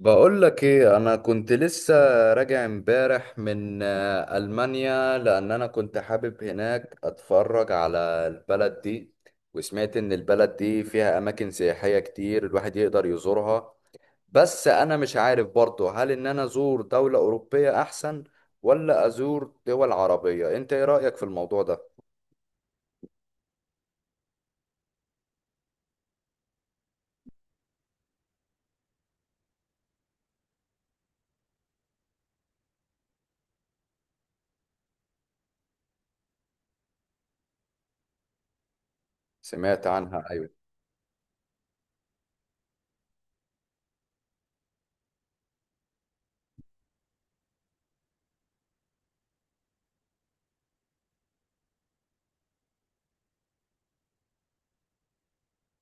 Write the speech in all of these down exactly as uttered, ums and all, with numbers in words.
بقول لك ايه؟ انا كنت لسه راجع امبارح من آه، المانيا، لان انا كنت حابب هناك اتفرج على البلد دي. وسمعت ان البلد دي فيها اماكن سياحية كتير الواحد يقدر يزورها. بس انا مش عارف برضه، هل ان انا ازور دولة اوروبية احسن ولا ازور دول عربية؟ انت ايه رأيك في الموضوع ده؟ سمعت عنها، أيوة.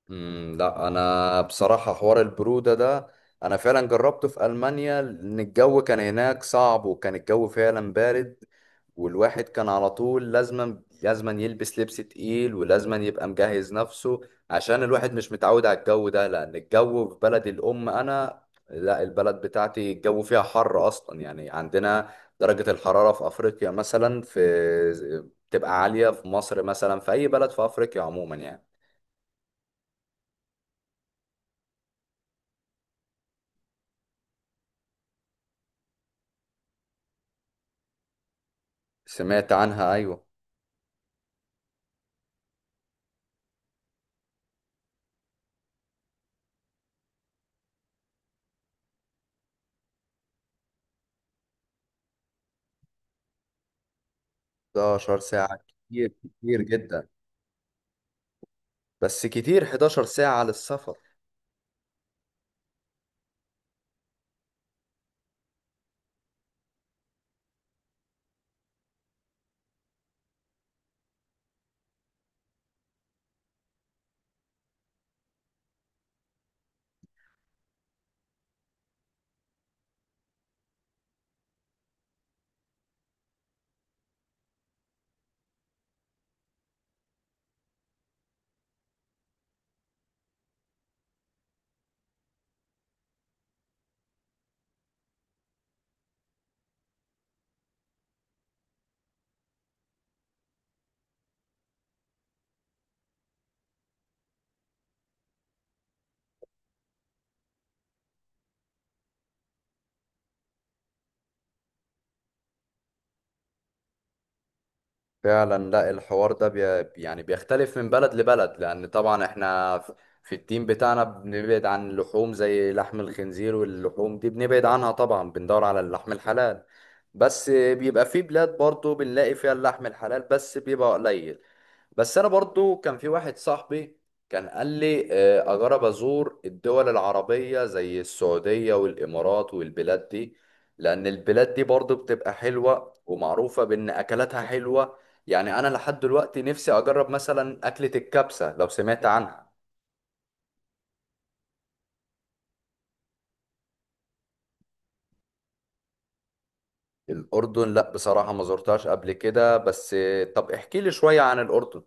مم، لا انا بصراحه حوار البروده ده انا فعلا جربته في المانيا، لان الجو كان هناك صعب وكان الجو فعلا بارد. والواحد كان على طول لازما لازما يلبس لبس تقيل ولازما يبقى مجهز نفسه، عشان الواحد مش متعود على الجو ده. لان الجو في بلد الام انا، لا، البلد بتاعتي الجو فيها حر اصلا. يعني عندنا درجه الحراره في افريقيا مثلا في، بتبقى عاليه. في مصر مثلا، في اي بلد في افريقيا عموما يعني. سمعت عنها، ايوه. حداشر ساعة؟ كتير، كتير جدا. بس كتير حداشر ساعة للسفر. فعلا، لا الحوار ده بي يعني بيختلف من بلد لبلد، لأن طبعا احنا ف- في التيم بتاعنا بنبعد عن اللحوم زي لحم الخنزير واللحوم دي، بنبعد عنها طبعا، بندور على اللحم الحلال. بس بيبقى في بلاد برضو بنلاقي فيها اللحم الحلال بس بيبقى قليل. بس انا برضو كان في واحد صاحبي كان قال لي آه، اجرب ازور الدول العربية زي السعودية والامارات والبلاد دي، لان البلاد دي برضو بتبقى حلوة ومعروفة بان اكلاتها حلوة. يعني انا لحد دلوقتي نفسي اجرب مثلا اكلة الكبسة، لو سمعت عنها. الاردن، لا بصراحة ما زرتهاش قبل كده، بس آه، طب احكي لي شوية عن الاردن.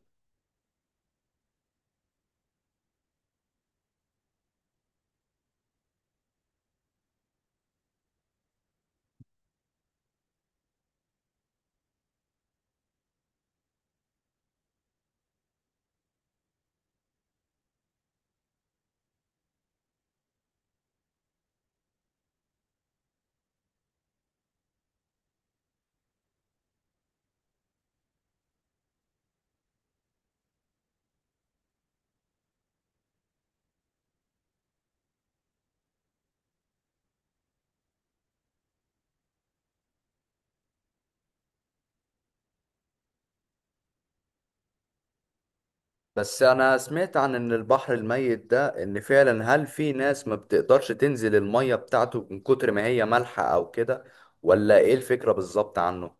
بس انا سمعت عن ان البحر الميت ده ان فعلا هل في ناس ما بتقدرش تنزل المية بتاعته من كتر ما هي مالحة او كده؟ ولا ايه الفكرة بالظبط عنه؟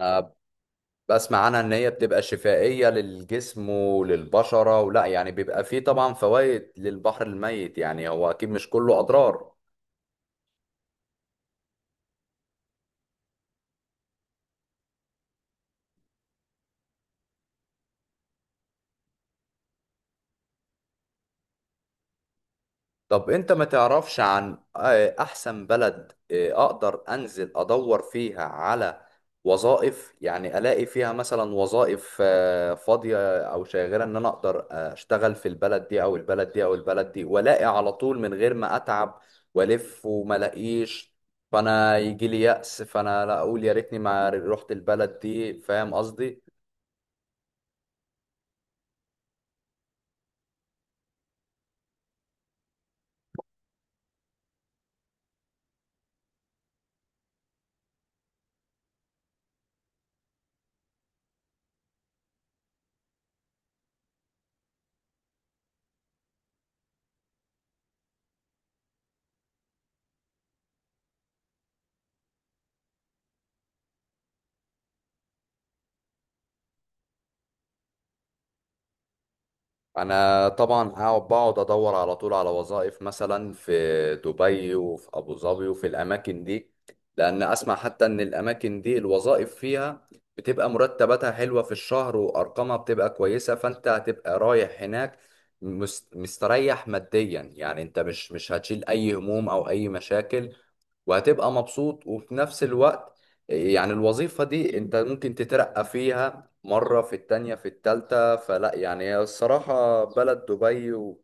أه، بسمع عنها ان هي بتبقى شفائية للجسم وللبشرة، ولا يعني بيبقى فيه طبعا فوائد للبحر الميت؟ يعني هو اكيد مش كله اضرار. طب انت ما تعرفش عن آه، احسن بلد آه، اقدر انزل ادور فيها على وظائف؟ يعني الاقي فيها مثلا وظائف آه، فاضية او شاغرة، ان انا اقدر آه، اشتغل في البلد دي او البلد دي او البلد دي، والاقي على طول من غير ما اتعب والف وما الاقيش فانا يجي لي يأس فانا لا اقول يا ريتني ما رحت البلد دي. فاهم قصدي؟ انا طبعا هقعد، بقعد ادور على طول على وظائف مثلا في دبي وفي ابو ظبي وفي الاماكن دي. لان اسمع حتى ان الاماكن دي الوظائف فيها بتبقى مرتباتها حلوة في الشهر، وارقامها بتبقى كويسة، فانت هتبقى رايح هناك مس- مستريح ماديا. يعني انت مش مش هتشيل اي هموم او اي مشاكل، وهتبقى مبسوط. وفي نفس الوقت يعني الوظيفة دي انت ممكن تترقى فيها مرة في التانية في التالتة. فلا يعني هي الصراحة بلد دبي و-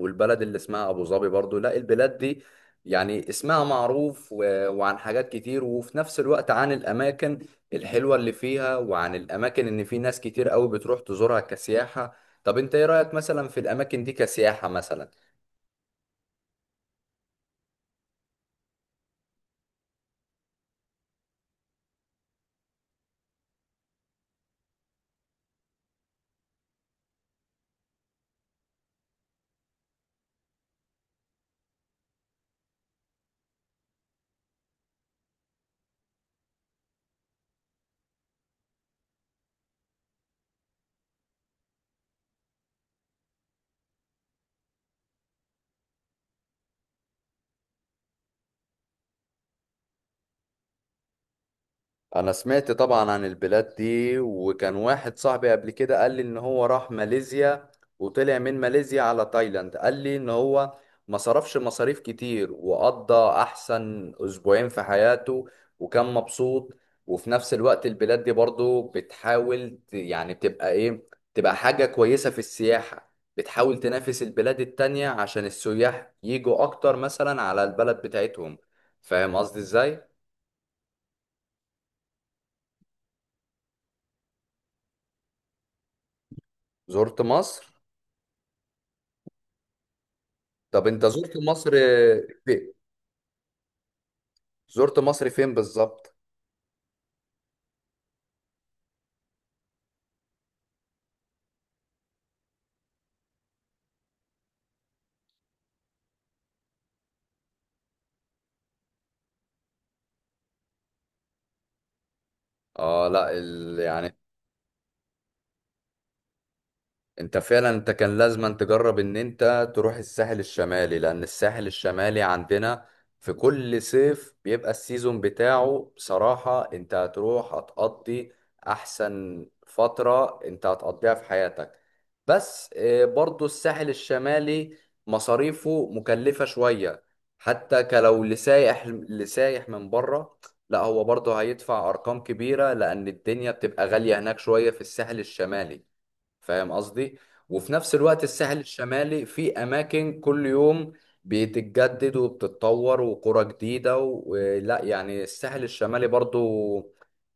والبلد اللي اسمها أبو ظبي برضو، لا البلاد دي يعني اسمها معروف و- وعن حاجات كتير، وفي نفس الوقت عن الأماكن الحلوة اللي فيها، وعن الأماكن إن في ناس كتير قوي بتروح تزورها كسياحة. طب انت ايه رأيك مثلا في الأماكن دي كسياحة مثلا؟ انا سمعت طبعا عن البلاد دي، وكان واحد صاحبي قبل كده قال لي ان هو راح ماليزيا، وطلع من ماليزيا على تايلاند، قال لي ان هو ما صرفش مصاريف كتير، وقضى احسن اسبوعين في حياته، وكان مبسوط. وفي نفس الوقت البلاد دي برضو بتحاول ت- يعني بتبقى ايه، تبقى حاجة كويسة في السياحة، بتحاول تنافس البلاد التانية عشان السياح يجوا اكتر مثلا على البلد بتاعتهم. فاهم قصدي ازاي؟ زرت مصر؟ طب انت زرت مصر في... زرت مصر فين بالظبط؟ اه، لا ال... يعني انت فعلا انت كان لازم أن تجرب ان انت تروح الساحل الشمالي. لان الساحل الشمالي عندنا في كل صيف بيبقى السيزون بتاعه. بصراحة انت هتروح هتقضي احسن فترة انت هتقضيها في حياتك. بس آه، برضو الساحل الشمالي مصاريفه مكلفة شوية، حتى كلو لسايح، لسايح من بره لا هو برضه هيدفع ارقام كبيرة، لان الدنيا بتبقى غالية هناك شوية في الساحل الشمالي. فاهم قصدي؟ وفي نفس الوقت الساحل الشمالي في اماكن كل يوم بتتجدد وبتتطور وقرى جديده و- ولا يعني الساحل الشمالي برضو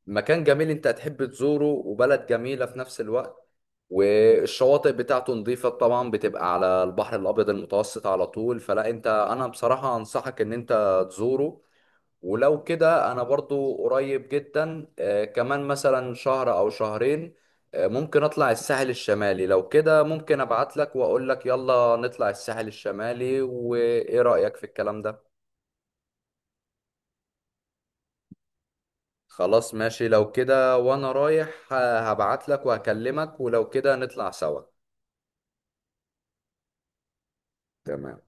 مكان جميل انت هتحب تزوره، وبلد جميله في نفس الوقت، والشواطئ بتاعته نظيفه طبعا، بتبقى على البحر الابيض المتوسط على طول. فلا انت، انا بصراحه انصحك ان انت تزوره. ولو كده انا برضو قريب جدا آه، كمان مثلا شهر او شهرين، آه، ممكن اطلع الساحل الشمالي. لو كده ممكن ابعت لك واقول لك يلا نطلع الساحل الشمالي. وايه رأيك في الكلام ده؟ خلاص، ماشي. لو كده وانا رايح آه، هبعت لك وهكلمك، ولو كده نطلع سوا. تمام.